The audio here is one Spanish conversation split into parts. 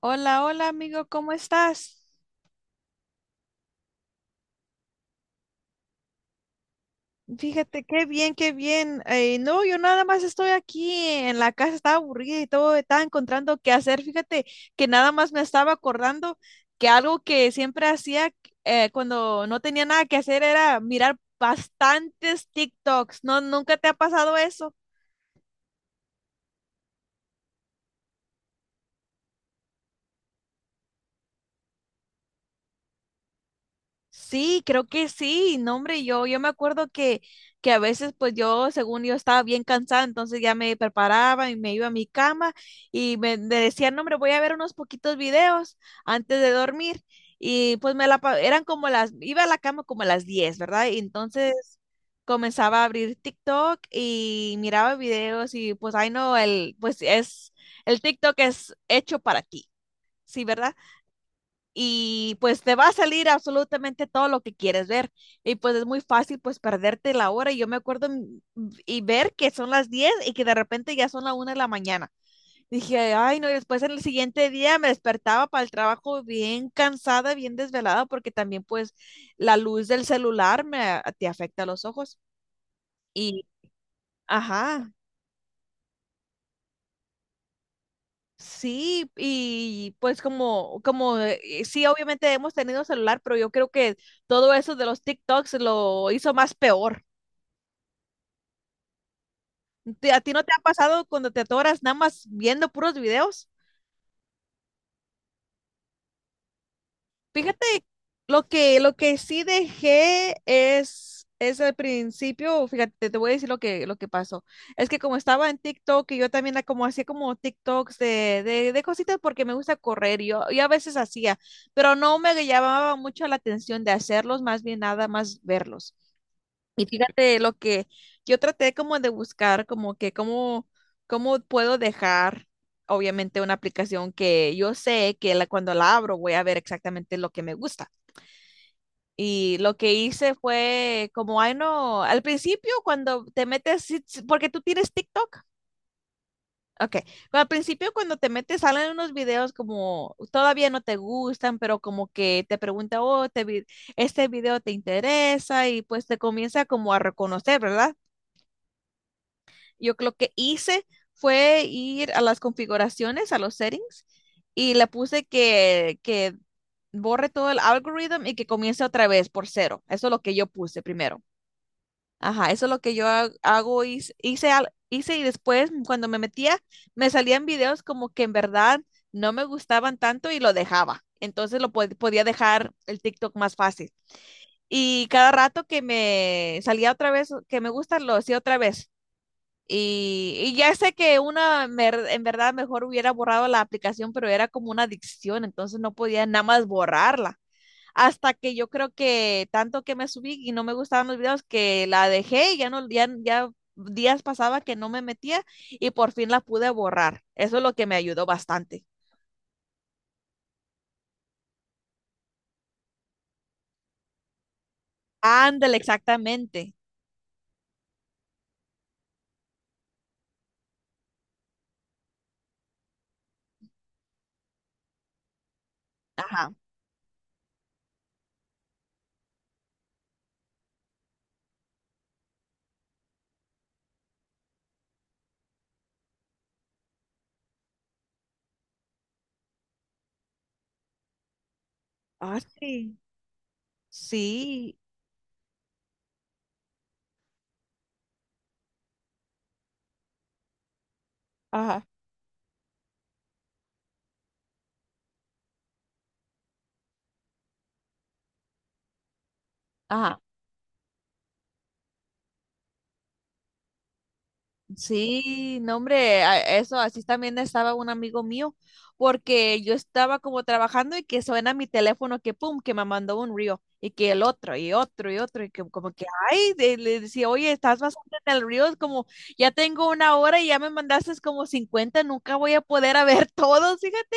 Hola, hola amigo, ¿cómo estás? Fíjate, qué bien, qué bien. No, yo nada más estoy aquí en la casa, estaba aburrida y todo, estaba encontrando qué hacer. Fíjate que nada más me estaba acordando que algo que siempre hacía cuando no tenía nada que hacer era mirar bastantes TikToks. ¿No, nunca te ha pasado eso? Sí, creo que sí, no hombre, yo me acuerdo que a veces pues yo, según yo estaba bien cansada, entonces ya me preparaba y me iba a mi cama y me decían, no hombre, voy a ver unos poquitos videos antes de dormir y pues me la, eran como las, iba a la cama como a las 10, ¿verdad? Y entonces comenzaba a abrir TikTok y miraba videos y pues, ay no, el, pues es, el TikTok es hecho para ti, ¿sí, verdad? Y pues te va a salir absolutamente todo lo que quieres ver. Y pues es muy fácil pues perderte la hora. Y yo me acuerdo y ver que son las 10 y que de repente ya son la 1 de la mañana. Dije, ay, no, y después en el siguiente día me despertaba para el trabajo bien cansada, bien desvelada, porque también pues la luz del celular me, te afecta los ojos. Y, ajá, sí, y pues como, como, sí, obviamente hemos tenido celular, pero yo creo que todo eso de los TikToks lo hizo más peor. ¿A ti no te ha pasado cuando te atoras nada más viendo puros videos? Fíjate, lo que sí dejé es al principio, fíjate, te voy a decir lo que pasó. Es que como estaba en TikTok y yo también como hacía como TikToks de cositas porque me gusta correr, y yo a veces hacía, pero no me llamaba mucho la atención de hacerlos, más bien nada más verlos. Y fíjate lo que yo traté como de buscar, como que cómo, cómo puedo dejar, obviamente, una aplicación que yo sé que la, cuando la abro voy a ver exactamente lo que me gusta. Y lo que hice fue como, ay no, al principio cuando te metes, sí, sí, porque tú tienes TikTok. Ok, al principio cuando te metes salen unos videos como todavía no te gustan, pero como que te pregunta, oh, este video te interesa y pues te comienza como a reconocer, ¿verdad? Yo lo que hice fue ir a las configuraciones, a los settings, y le puse que borre todo el algoritmo y que comience otra vez por cero. Eso es lo que yo puse primero. Ajá, eso es lo que yo ha- hago, hice, hice, al- hice y después cuando me metía, me salían videos como que en verdad no me gustaban tanto y lo dejaba. Entonces podía dejar el TikTok más fácil. Y cada rato que me salía otra vez, que me gusta, lo hacía otra vez. Y ya sé que una, en verdad, mejor hubiera borrado la aplicación, pero era como una adicción, entonces no podía nada más borrarla. Hasta que yo creo que tanto que me subí y no me gustaban los videos que la dejé y ya no, ya, ya días pasaba que no me metía y por fin la pude borrar. Eso es lo que me ayudó bastante. Ándale, exactamente. Ajá. Ah, sí. Sí. Ajá. Ajá. Sí, no, hombre, eso así también estaba un amigo mío, porque yo estaba como trabajando y que suena mi teléfono que pum, que me mandó un río y que el otro y otro y otro y que como que, ay, le decía, oye, estás bastante en el río, es como, ya tengo una hora y ya me mandaste como 50 nunca voy a poder a ver todos, fíjate.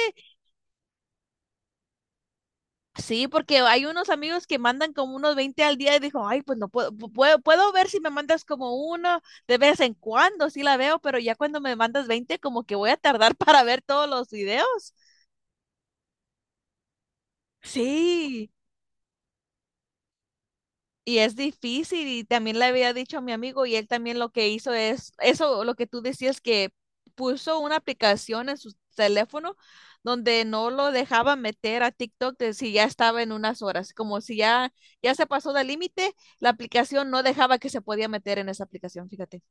Sí, porque hay unos amigos que mandan como unos 20 al día y dijo, ay, pues no puedo, puedo ver si me mandas como uno de vez en cuando, sí la veo, pero ya cuando me mandas 20 como que voy a tardar para ver todos los videos. Sí. Y es difícil y también le había dicho a mi amigo y él también lo que hizo es, eso lo que tú decías que puso una aplicación en su teléfono donde no lo dejaba meter a TikTok de si ya estaba en unas horas, como si ya, ya se pasó del límite, la aplicación no dejaba que se podía meter en esa aplicación, fíjate.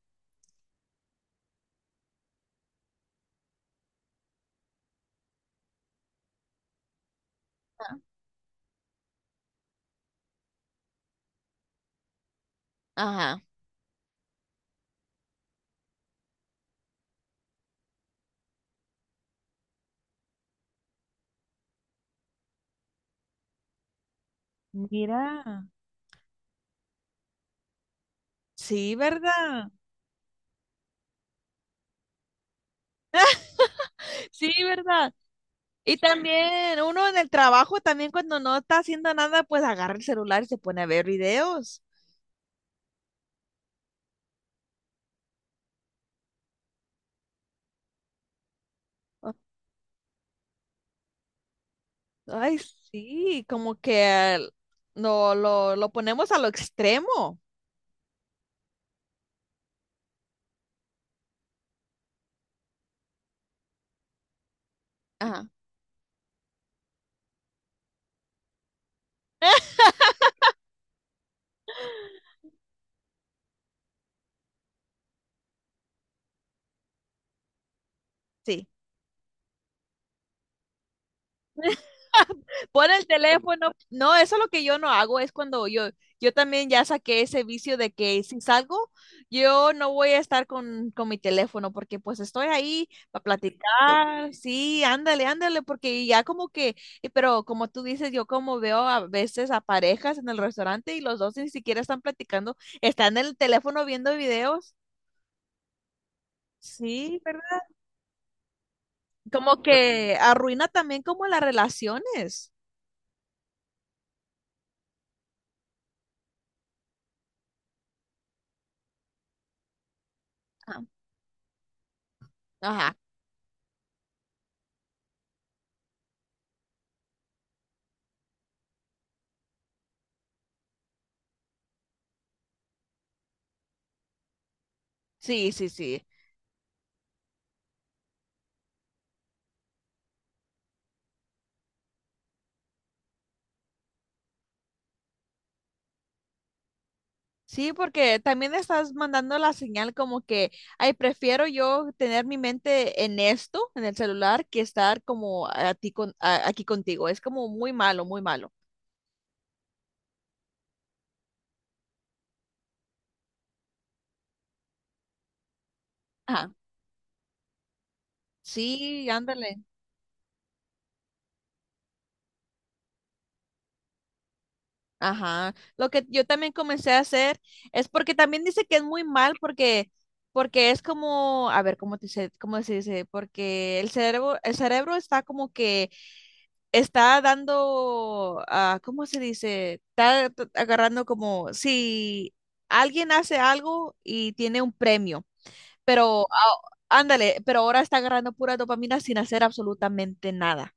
Ajá. Mira, sí, ¿verdad? Sí, ¿verdad? Y también uno en el trabajo, también cuando no está haciendo nada, pues agarra el celular y se pone a ver videos. Ay, sí, como que lo ponemos a lo extremo. Ajá. Sí. Pon el teléfono. No, eso es lo que yo no hago. Es cuando yo también ya saqué ese vicio de que si salgo, yo no voy a estar con mi teléfono porque pues estoy ahí para platicar. Sí, ándale, ándale, porque ya como que, pero como tú dices, yo como veo a veces a parejas en el restaurante y los dos ni siquiera están platicando, están en el teléfono viendo videos. Sí, ¿verdad? Como que arruina también como las relaciones. Ah, ajá, sí, sí, sí. Sí, porque también estás mandando la señal como que, ay, prefiero yo tener mi mente en esto, en el celular, que estar como a ti con, aquí contigo. Es como muy malo, muy malo. Ajá. Sí, ándale. Ajá. Lo que yo también comencé a hacer es porque también dice que es muy mal porque, porque es como, a ver, ¿cómo, te dice, cómo se dice? Porque el cerebro está como que está dando, ah, ¿cómo se dice? Está agarrando como si alguien hace algo y tiene un premio, pero ah, ándale, pero ahora está agarrando pura dopamina sin hacer absolutamente nada.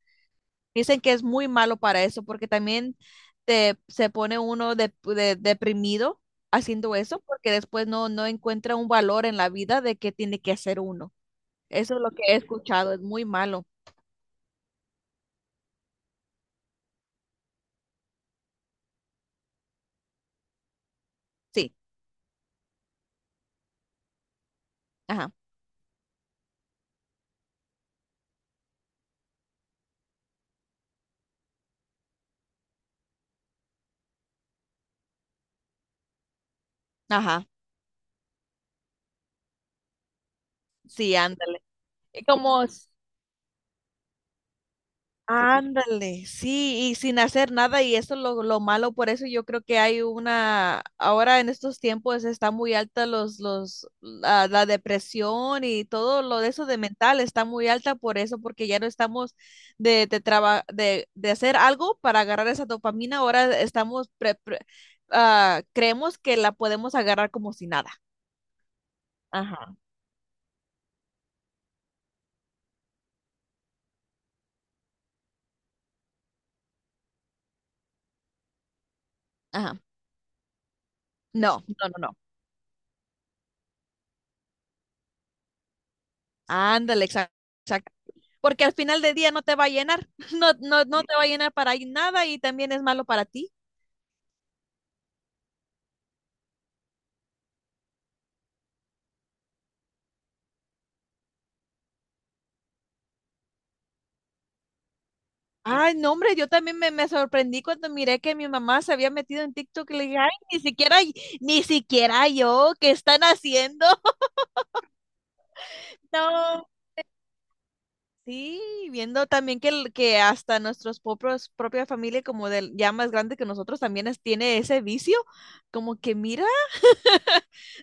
Dicen que es muy malo para eso porque también te, se pone uno deprimido haciendo eso porque después no, no encuentra un valor en la vida de qué tiene que hacer uno. Eso es lo que he escuchado, es muy malo. Sí, ajá, ajá, sí, ándale. Ándale, sí, y sin hacer nada, y eso es lo malo, por eso yo creo que hay una, ahora en estos tiempos está muy alta los, la depresión y todo lo de eso de mental está muy alta por eso, porque ya no estamos de hacer algo para agarrar esa dopamina, ahora estamos, creemos que la podemos agarrar como si nada. Ajá, ajá. No, no, no, no. Ándale, exacto. Exacto. Porque al final del día no te va a llenar, no, no, no te va a llenar para nada y también es malo para ti. Ay, no, hombre, yo también me sorprendí cuando miré que mi mamá se había metido en TikTok y le dije, ay, ni siquiera, ni siquiera yo, ¿qué están haciendo? No. Sí, viendo también que, que hasta nuestros propios, propia familia como del ya más grande que nosotros también tiene ese vicio, como que mira,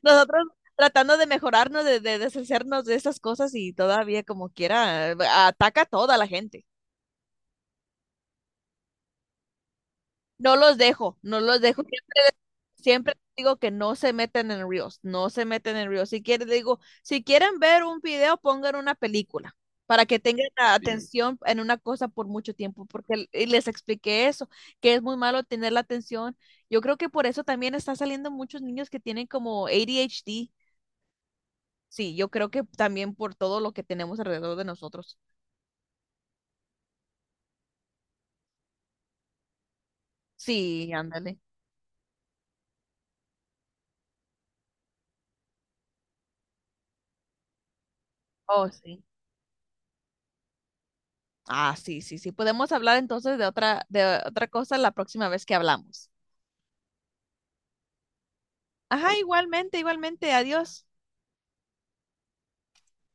nosotros tratando de mejorarnos, de deshacernos de esas cosas y todavía como quiera, ataca a toda la gente. No los dejo, no los dejo. Sie- Siempre digo que no se meten en Reels, no se meten en Reels. Si quieren, digo, si quieren ver un video, pongan una película para que tengan la Sí. atención en una cosa por mucho tiempo, porque y les expliqué eso, que es muy malo tener la atención. Yo creo que por eso también está saliendo muchos niños que tienen como ADHD, sí, yo creo que también por todo lo que tenemos alrededor de nosotros. Sí, ándale. Oh, sí. Ah, sí, sí, sí. Podemos hablar entonces de otra cosa la próxima vez que hablamos. Ajá, igualmente, igualmente. Adiós.